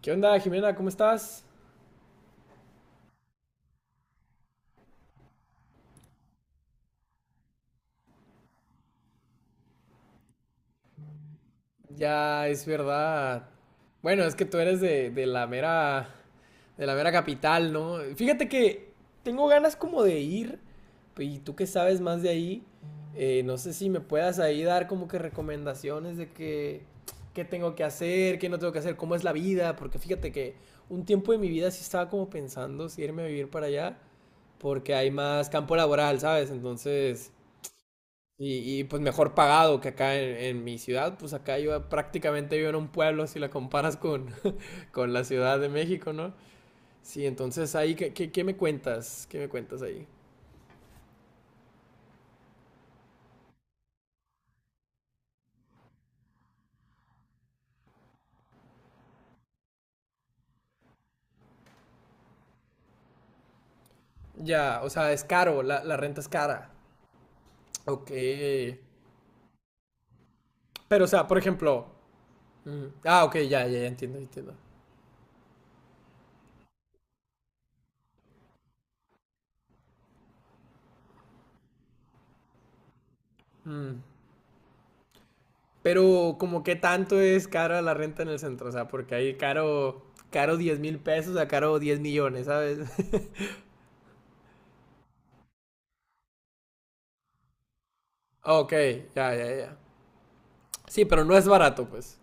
¿Qué onda, Jimena? ¿Cómo estás? Ya es verdad. Bueno, es que tú eres de la mera capital, ¿no? Fíjate que tengo ganas como de ir, y tú que sabes más de ahí, no sé si me puedas ahí dar como que recomendaciones de que, qué tengo que hacer, qué no tengo que hacer, cómo es la vida, porque fíjate que un tiempo de mi vida sí estaba como pensando si irme a vivir para allá, porque hay más campo laboral, ¿sabes? Entonces... Pues mejor pagado que acá en mi ciudad, pues acá yo prácticamente vivo en un pueblo si la comparas con, con la Ciudad de México, ¿no? Sí, entonces ahí, ¿qué me cuentas? ¿Qué me cuentas ahí? Ya, o sea, es caro, la renta es cara. Ok. Pero, o sea, por ejemplo. Mm, ah, ok, ya, ya, ya entiendo, entiendo. Mm. Pero como qué tanto es cara la renta en el centro, o sea, porque ahí caro, caro 10,000 pesos a caro 10 millones, ¿sabes? Ok, ya, ya, ya. Sí, pero no es barato, pues.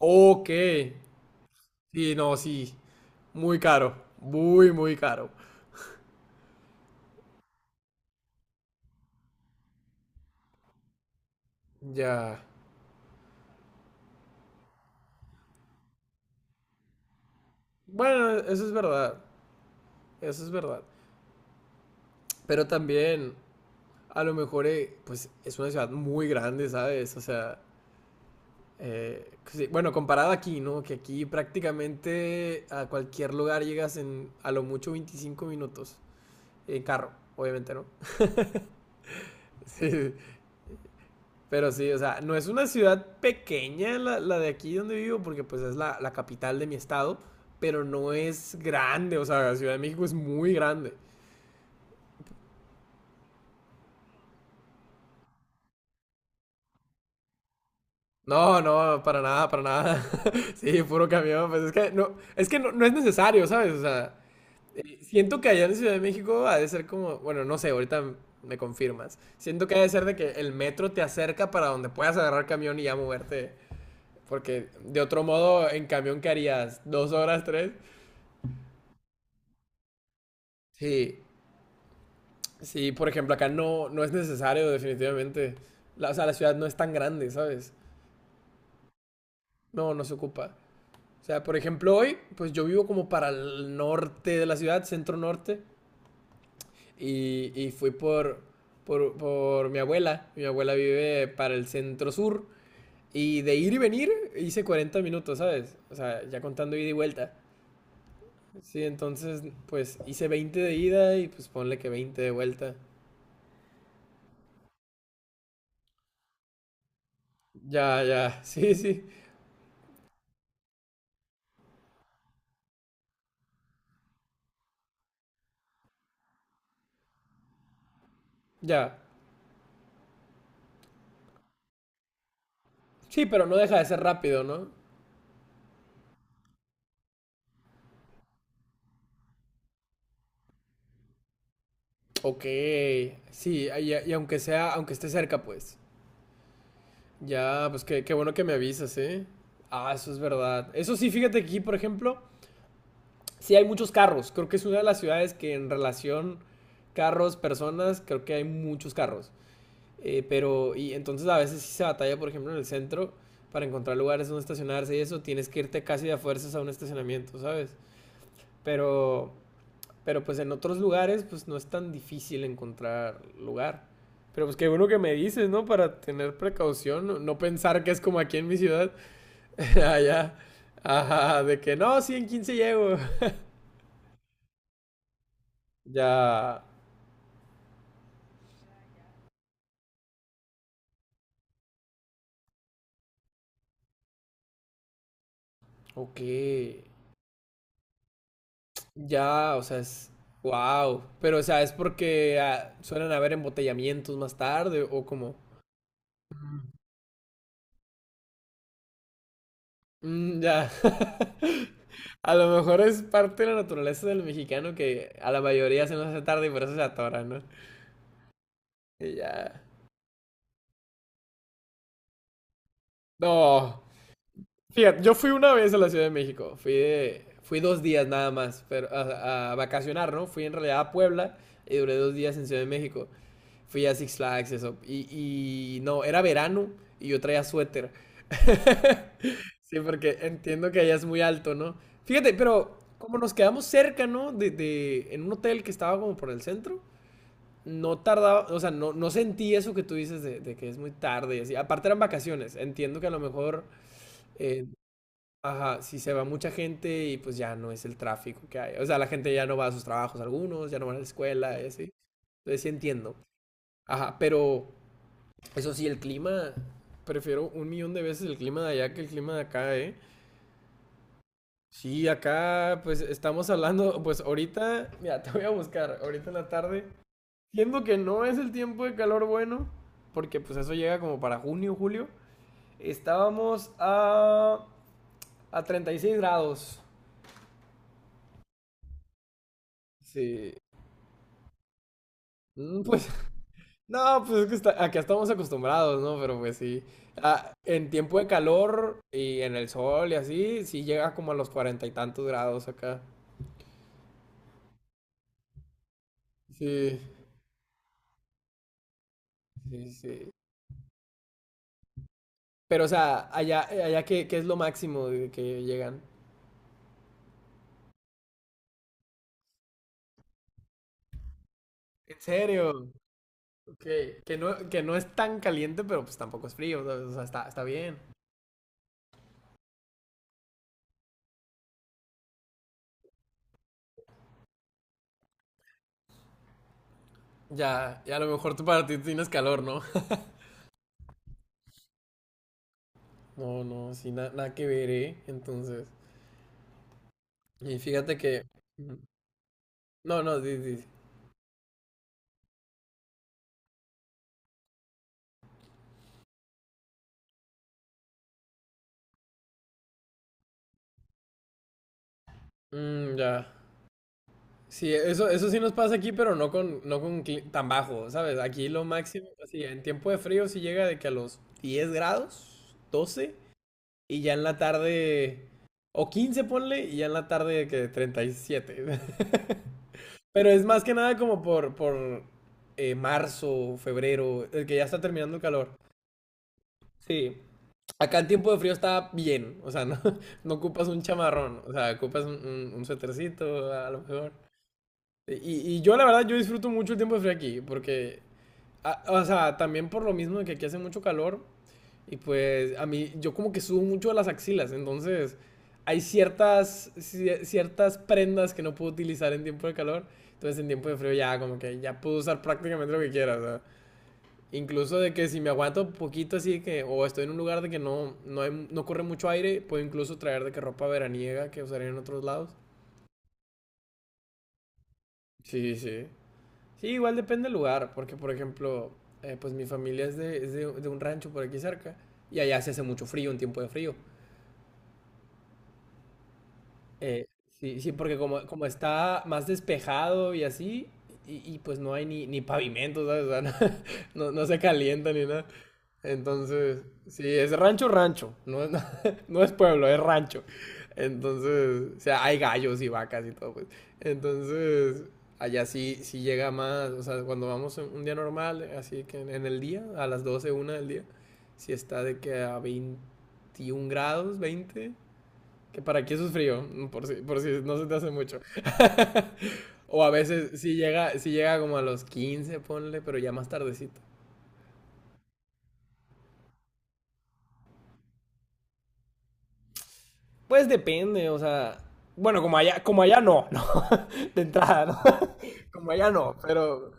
Ok. Sí, no, sí. Muy caro. Muy, muy caro. Ya. Bueno, eso es verdad. Eso es verdad. Pero también, a lo mejor, pues es una ciudad muy grande, ¿sabes? O sea, sí, bueno, comparada aquí, ¿no? Que aquí prácticamente a cualquier lugar llegas en a lo mucho 25 minutos. En carro, obviamente, ¿no? Sí. Pero sí, o sea, no es una ciudad pequeña la de aquí donde vivo, porque pues es la capital de mi estado, pero no es grande, o sea, la Ciudad de México es muy grande. No, no, para nada, para nada. Sí, puro camión, pues es que no es necesario, ¿sabes? O sea, siento que allá en Ciudad de México ha de ser como, bueno, no sé, ahorita me confirmas. Siento que ha de ser de que el metro te acerca para donde puedas agarrar camión y ya moverte, porque de otro modo en camión que harías 2 horas, tres. Sí, sí, por ejemplo, acá no, no es necesario, definitivamente. O sea, la ciudad no es tan grande, ¿sabes? No, no se ocupa. O sea, por ejemplo, hoy, pues yo vivo como para el norte de la ciudad, centro norte, y fui por mi abuela. Mi abuela vive para el centro sur, y de ir y venir hice 40 minutos, ¿sabes? O sea, ya contando ida y vuelta. Sí, entonces, pues hice 20 de ida y pues ponle que 20 de vuelta. Ya, ya, sí, sí, ya. Sí, pero no deja de ser rápido, ¿no? Ok, sí, y aunque sea, aunque esté cerca, pues. Ya, pues qué bueno que me avisas, ¿eh? Ah, eso es verdad. Eso sí, fíjate que aquí, por ejemplo, sí hay muchos carros. Creo que es una de las ciudades que en relación carros, personas, creo que hay muchos carros. Pero, y entonces a veces sí se batalla, por ejemplo, en el centro, para encontrar lugares donde estacionarse y eso, tienes que irte casi de a fuerzas a un estacionamiento, ¿sabes? Pero, Pero pues en otros lugares pues no es tan difícil encontrar lugar. Pero pues qué bueno que me dices, ¿no? Para tener precaución, no pensar que es como aquí en mi ciudad, allá, ajá, de que no, sí, en 15 llego. Ya, ok, ya, o sea, es, wow, pero o sea, es porque ah, suelen haber embotellamientos más tarde o como. Mm, ya. A lo mejor es parte de la naturaleza del mexicano que a la mayoría se nos hace tarde y por eso se atora, ¿no? Y ya. No. Fíjate, yo fui una vez a la Ciudad de México. Fui 2 días nada más, pero a vacacionar, ¿no? Fui en realidad a Puebla y duré 2 días en Ciudad de México. Fui a Six Flags, eso. Y no, era verano y yo traía suéter. Sí, porque entiendo que allá es muy alto, ¿no? Fíjate, pero como nos quedamos cerca, ¿no? En un hotel que estaba como por el centro, no tardaba, o sea, no sentí eso que tú dices de que es muy tarde y así. Aparte eran vacaciones, entiendo que a lo mejor, eh, ajá, si se va mucha gente y pues ya no es el tráfico que hay. O sea, la gente ya no va a sus trabajos algunos, ya no van a la escuela y así. Entonces sí entiendo. Ajá, pero eso sí, el clima, prefiero un millón de veces el clima de allá que el clima de acá, ¿eh? Sí, acá pues estamos hablando, pues ahorita, mira, te voy a buscar, ahorita en la tarde, siendo que no es el tiempo de calor bueno, porque pues eso llega como para junio, julio, estábamos a 36 grados. Sí, pues no, pues es que acá estamos acostumbrados, ¿no? Pero pues sí. Ah, en tiempo de calor y en el sol y así, sí llega como a los cuarenta y tantos grados acá. Sí, sí, sí. Pero, o sea, allá, allá, ¿qué es lo máximo de que llegan? ¿En serio? Ok. Que no es tan caliente, pero pues tampoco es frío, ¿sabes? O sea, está bien. Ya, ya a lo mejor tú para ti tienes calor, ¿no? No, no, sí, nada que ver, ¿eh? Entonces. Y fíjate que. No, no, sí, sí. Mm, ya. Sí, eso sí nos pasa aquí, pero no con tan bajo, ¿sabes? Aquí lo máximo, así, en tiempo de frío sí llega de que a los 10 grados, 12 y ya en la tarde, o 15 ponle, y ya en la tarde de que 37. Pero es más que nada como por marzo, febrero, el que ya está terminando el calor. Sí, acá en tiempo de frío está bien, o sea, no, no ocupas un chamarrón, o sea, ocupas un suétercito a lo mejor. Y yo la verdad, yo disfruto mucho el tiempo de frío aquí, porque, o sea, también por lo mismo de que aquí hace mucho calor, y pues a mí, yo como que subo mucho de las axilas, entonces hay ciertas prendas que no puedo utilizar en tiempo de calor, entonces en tiempo de frío ya como que ya puedo usar prácticamente lo que quiera, o sea, incluso de que si me aguanto poquito así que, o estoy en un lugar de que no corre mucho aire, puedo incluso traer de que ropa veraniega que usaría en otros lados. Sí, sí. Sí, igual depende del lugar, porque por ejemplo, pues mi familia es de un rancho por aquí cerca y allá se hace mucho frío, un tiempo de frío. Eh, sí, sí, porque como está más despejado y así, y pues no hay ni pavimento, ¿sabes? O sea, no se calienta ni nada. Entonces, sí, es rancho, rancho. No es, no es pueblo, es rancho. Entonces, o sea, hay gallos y vacas y todo, pues. Entonces, allá sí, sí llega más. O sea, cuando vamos en un día normal, así que en el día, a las 12, una del día, sí está de que a 21 grados, 20. Que para aquí eso es frío, por si no se te hace mucho. O a veces sí llega como a los 15, ponle, pero ya más tardecito. Pues depende, o sea. Bueno, como allá no, ¿no? De entrada, ¿no? Como allá no, pero.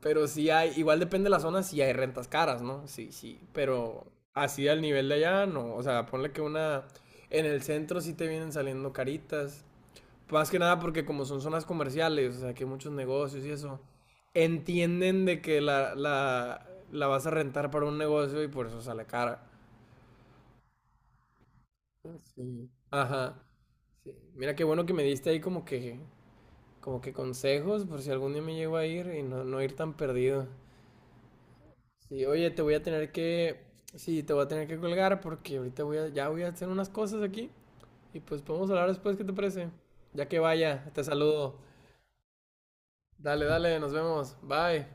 Pero sí hay. Igual depende de la zona si hay rentas caras, ¿no? Sí, sí. Pero así al nivel de allá, no. O sea, ponle que una. En el centro sí te vienen saliendo caritas. Más que nada porque como son zonas comerciales, o sea, que hay muchos negocios y eso. Entienden de que la vas a rentar para un negocio y por eso sale cara. Ah, sí. Ajá. Sí. Mira qué bueno que me diste ahí como que consejos por si algún día me llego a ir y no ir tan perdido. Sí, oye, te voy a tener que, sí, te voy a tener que colgar porque ahorita ya voy a hacer unas cosas aquí y pues podemos hablar después, ¿qué te parece? Ya que vaya, te saludo. Dale, dale, nos vemos. Bye.